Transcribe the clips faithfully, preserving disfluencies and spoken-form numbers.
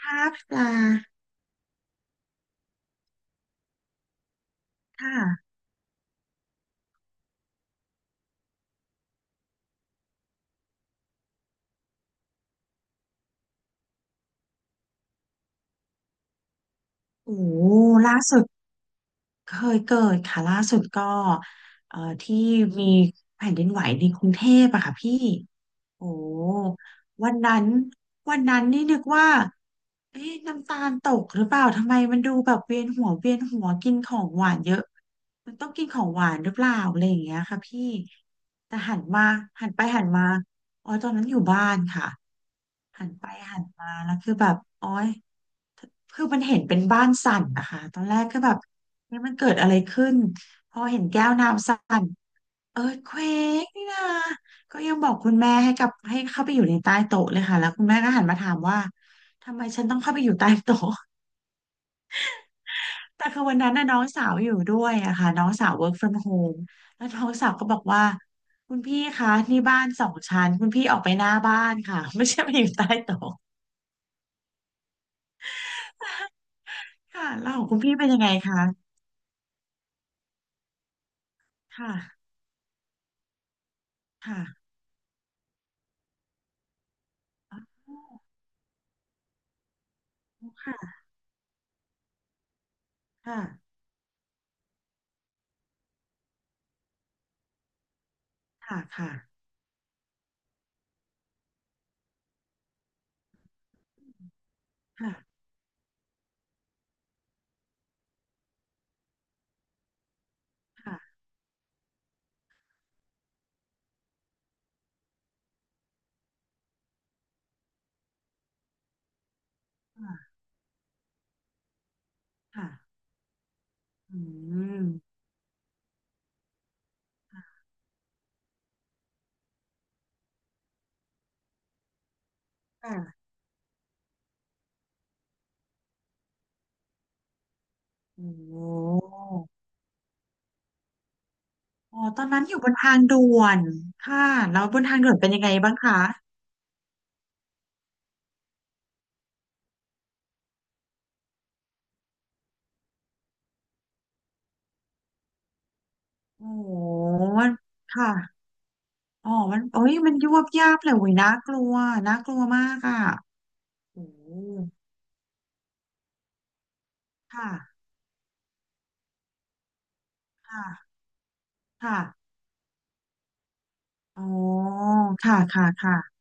ภาพปลาค่ะโอ้โหล่าสุดเคยเกิดค่ะล่าสุดก็เอ่อที่มีแผ่นดินไหวในกรุงเทพอะค่ะพี่ โอ้วันนั้นวันนั้นนี่นึกว่าเอ๊ะน้ำตาลตกหรือเปล่าทำไมมันดูแบบเวียนหัวเวียนหัวกินของหวานเยอะมันต้องกินของหวานหรือเปล่าอะไรอย่างเงี้ยค่ะพี่แต่หันมาหันไปหันมาอ๋อตอนนั้นอยู่บ้านค่ะหันไปหันมาแล้วคือแบบอ๋อยคือมันเห็นเป็นบ้านสั่นนะคะตอนแรกก็แบบนี่มันเกิดอะไรขึ้นพอเห็นแก้วน้ำสั่น เอิร์ธเควกนี่นะก็ยังบอกคุณแม่ให้กลับให้เข้าไปอยู่ในใต้โต๊ะเลยค่ะแล้วคุณแม่ก็หันมาถามว่าทำไมฉันต้องเข้าไปอยู่ใต้โต๊ะ แต่คือวันนั้นน่ะน้องสาวอยู่ด้วยอะค่ะน้องสาว work from home แล้วน้องสาวก็บอกว่าคุณพี่คะนี่บ้านสองชั้นคุณพี่ออกไปหน้าบ้านค่ะ ไม่ใช่ไปอยู่ใต้โต๊ะค่ะแล้วของคุณพี่เป็นยังไงคะค่ะค่ะค่ะค่ะค่ะค่ะค่ะค่ะค่ะค่ะอืมค่ะโอ้ อ๋อตอนนั้นอยู่บนทางด่วนค่ะแล้วบนทางด่วนเป็นยังไงบ้างคะโอ้โหมันค่ะอ๋อมันโอ้ยมันยวบยับเลยโอ้ยน่ากลัวน่ากลัวมากอ่ะโอ้โหค่ะค่ะค่ะอ๋อค่ะค่ะค่ะ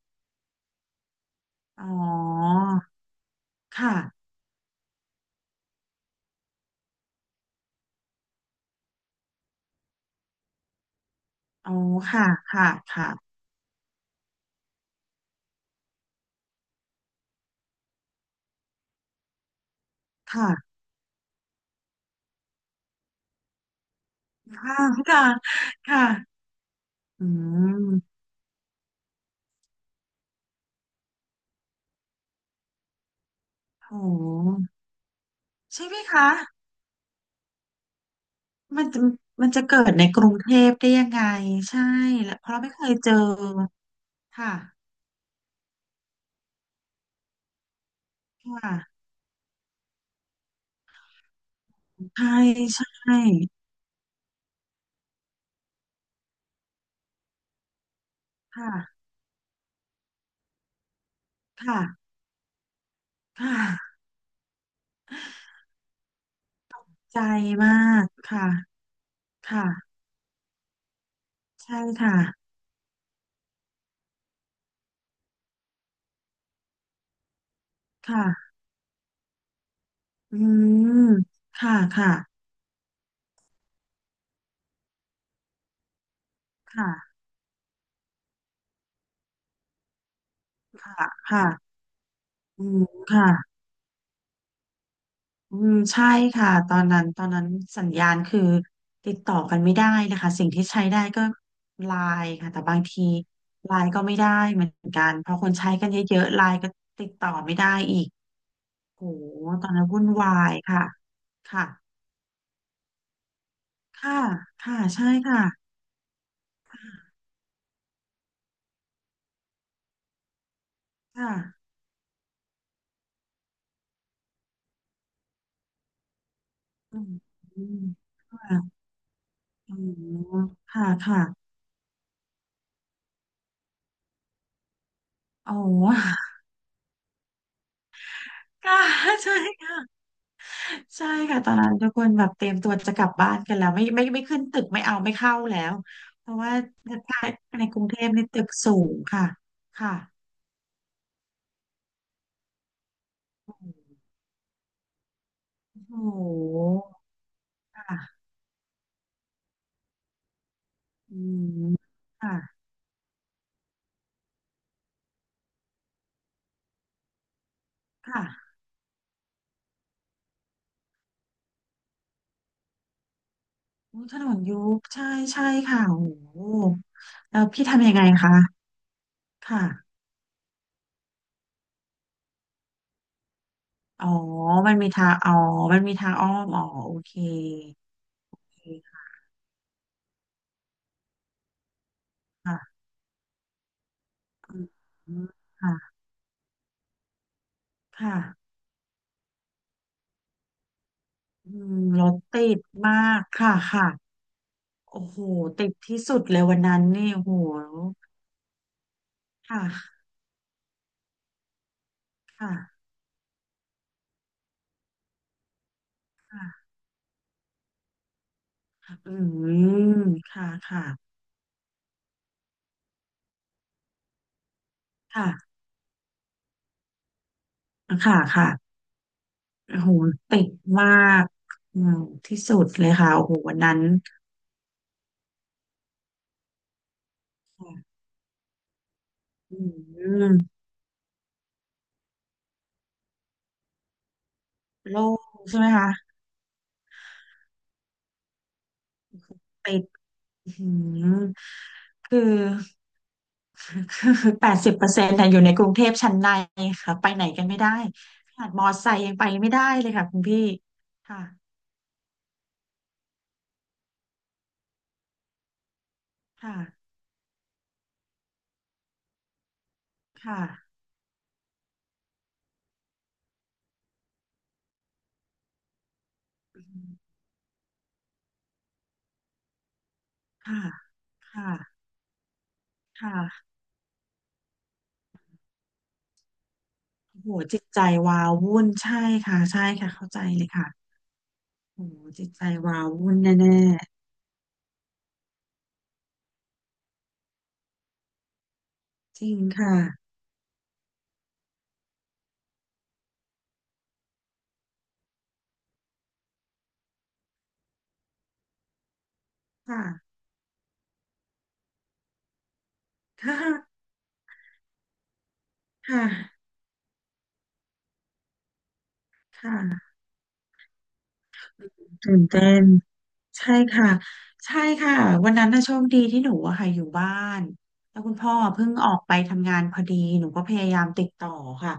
อ๋อค่ะอ๋อค่ะค่ะค่ะค่ะค่ะค่ะค่ะอืมโอ้โหใช่ไหมคะ มันจะมันจะเกิดในกรุงเทพได้ยังไงใช่และเพราะไม่เคยเจอค่ะค่ะใช่ใช่ค่ะค่ะค่ะใจมากค่ะค่ะใช่ค่ะค่ะอืมค่ะค่ะค่ะค่ะค่ะอืมค่ะ อืมใช่ค่ะตอนนั้นตอนนั้นสัญญาณคือติดต่อกันไม่ได้นะคะสิ่งที่ใช้ได้ก็ไลน์ค่ะแต่บางทีไลน์ก็ไม่ได้เหมือนกันเพราะคนใช้กันเยอะๆไลน์ก็ติดต่อไม่ได้อีกโหตอนนั้นวุ่นวายค่ะค่ะค่ะค่ะใช่ค่ะค่ะอืมอืมค่ะอืมค่ะค่ะโอ้ ค่ะใช่ค่ะ ใช่ค่ะตอนนั้นทุกคนแบบเตรียมตัวจะกลับบ้านกันแล้วไม่ไม่ไม่ขึ้นตึกไม่เอาไม่เข้าแล้วเพราะว่าถ้าในกรุงเทพในตึกสูงค่ะค่ะโอ้โหค่ะอืมค่ะค่ะโอ้ถนนยุบใช่ใช่ค่ะโอ้โหแล้วพี่ทำยังไงคะค่ะอ๋อมันมีทางอ๋อมันมีทางอ้อมอ๋อโอเคโอเคค่ะอืมค่ะค่ะอืมรถติดมากค่ะค่ะ โอ้โหติดที่สุดเลยวันนั้นนี่โอ้โหค่ะค่ะค่ะอืมค่ะค่ะค่ะค่ะค่ะโอ้โหติดมากอืมที่สุดเลยค่ะโอ้โหวันนั้นค่ะอืมโล่งใช่ไหมคะติดอืมคือ คือแปดสิบเปอร์เซ็นต์อยู่ในกรุงเทพชั้นในค่ะไปไหนกันไม่ได้ขนาดมอไซค์ยังไปไม่ได้เลยค่ะคุณพี่ค่ะค่ะค่ะ ค่ะค่ะ ค่ะโอ้โหจิตใจวาวุ่นใช่ค่ะ ใช่ค่ะเข้าใจเลยค่ะโอ้โหจิตใจวาวุ่นแน่ๆจริงค่ะ ค่ะ ค่ะค่ะค่ะตื่นเต้น ใช่ค่ะใช่ค่ะวันนั้นน่ะโชคดีที่หนูอะค่ะอยู่บ้านแล้วคุณพ่อเพิ่งออกไปทำงานพอดีหนูก็พยายามติดต่อค่ะ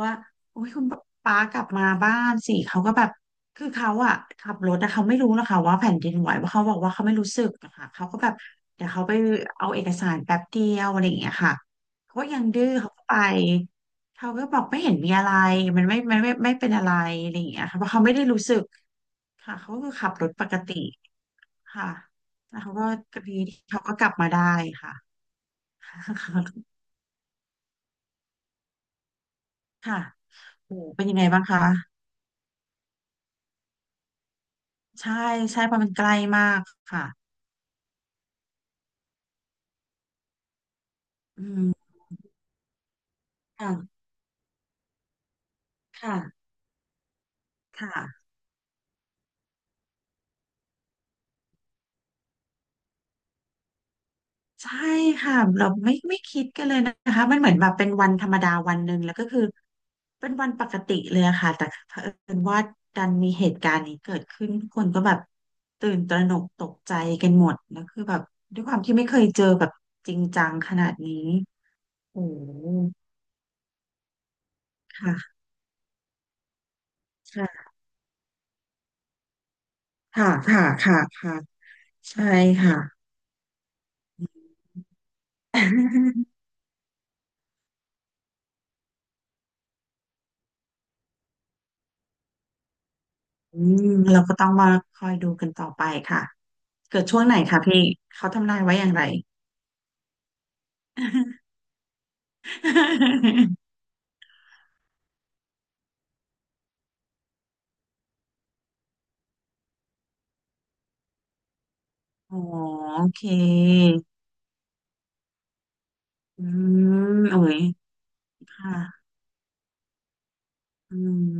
ว่าโอ้ยคุณป้ากลับมาบ้านสิเขาก็แบบคือเขาอะขับรถแต่เขาไม่รู้นะคะว่าแผ่นดินไหวว่าะเขาบอกว่าเขาไม่รู้สึกอะค่ะเขาก็แบบเดี๋ยวเขาไปเอาเอกสารแป๊บเดียวอะไรอย่างเงี้ยค่ะเขาก็ยังดื้อเขาก็ไปเขาก็บอกไม่เห็นมีอะไรมันไม่ไม่ไม่ไม่เป็นอะไรอะไรอย่างเงี้ยค่ะเพราะเขาไม่ได้รู้สึกค่ะเขาก็คือขับรถปกติ ค่ะแล้วเขาก็กรีดเขาก็กลับมาได้ค่ะ ค่ะโอ้เป็นยังไงบ้างคะใช่ใช่เพราะมันใกล้มากค่ะอืมค่ะค่ะค่ะใช่ค่ะเราไม่ไม่คิดกันเลยนะคะมันเหมือนแบบเป็นวันธรรมดาวันหนึ่งแล้วก็คือเป็นวันปกติเลยอะค่ะแต่เผอิญว่าดันมีเหตุการณ์นี้เกิดขึ้นทุกคนก็แบบตื่นตระหนกตกใจกันหมดแล้วคือแบบด้วยความที่ไม่เคยเจอแบบจริงจังขนาดนี้โอ้ ค่ะค่ะค่ะค่ะค่ะค่ะ ใช่ค่ะ อืมเราก็ต้องมาคอยดูกันต่อไปค่ะ เกิดช่วงไหนคะพี่ เขาทำนายไว้อย่างไร อ๋อโอเคอืมโอ้ยค่ะอืม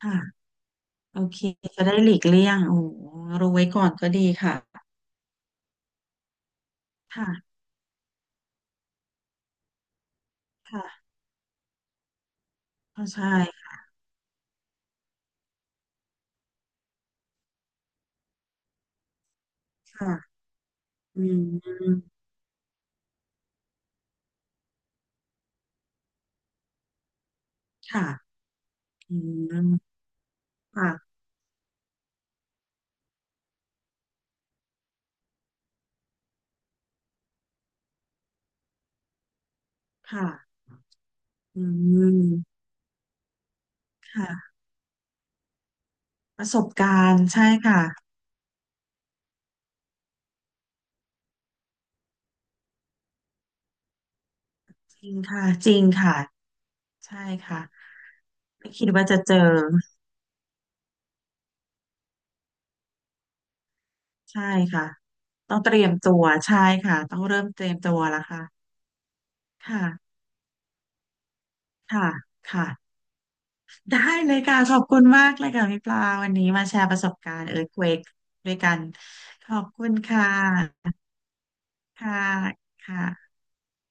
ค่ะโอเค จะได้หลีกเลี่ยงโอ้รู้ไว้ก่อนก็ดีค่ะค่ะ ค่ะเข้าใจค่ะอืมค่ะอืมค่ะค่ะอืม ค่ะประสบการณ์ใช่ค่ะจริงค่ะจริงค่ะใช่ค่ะไม่คิดว่าจะเจอใช่ค่ะต้องเตรียมตัวใช่ค่ะต้องเริ่มเตรียมตัวแล้วค่ะค่ะค่ะค่ะได้เลยค่ะขอบคุณมากเลยค่ะพี่ปลาวันนี้มาแชร์ประสบการณ์เอิร์ธเวกด้วยกันขอบคุณค่ะค่ะค่ะ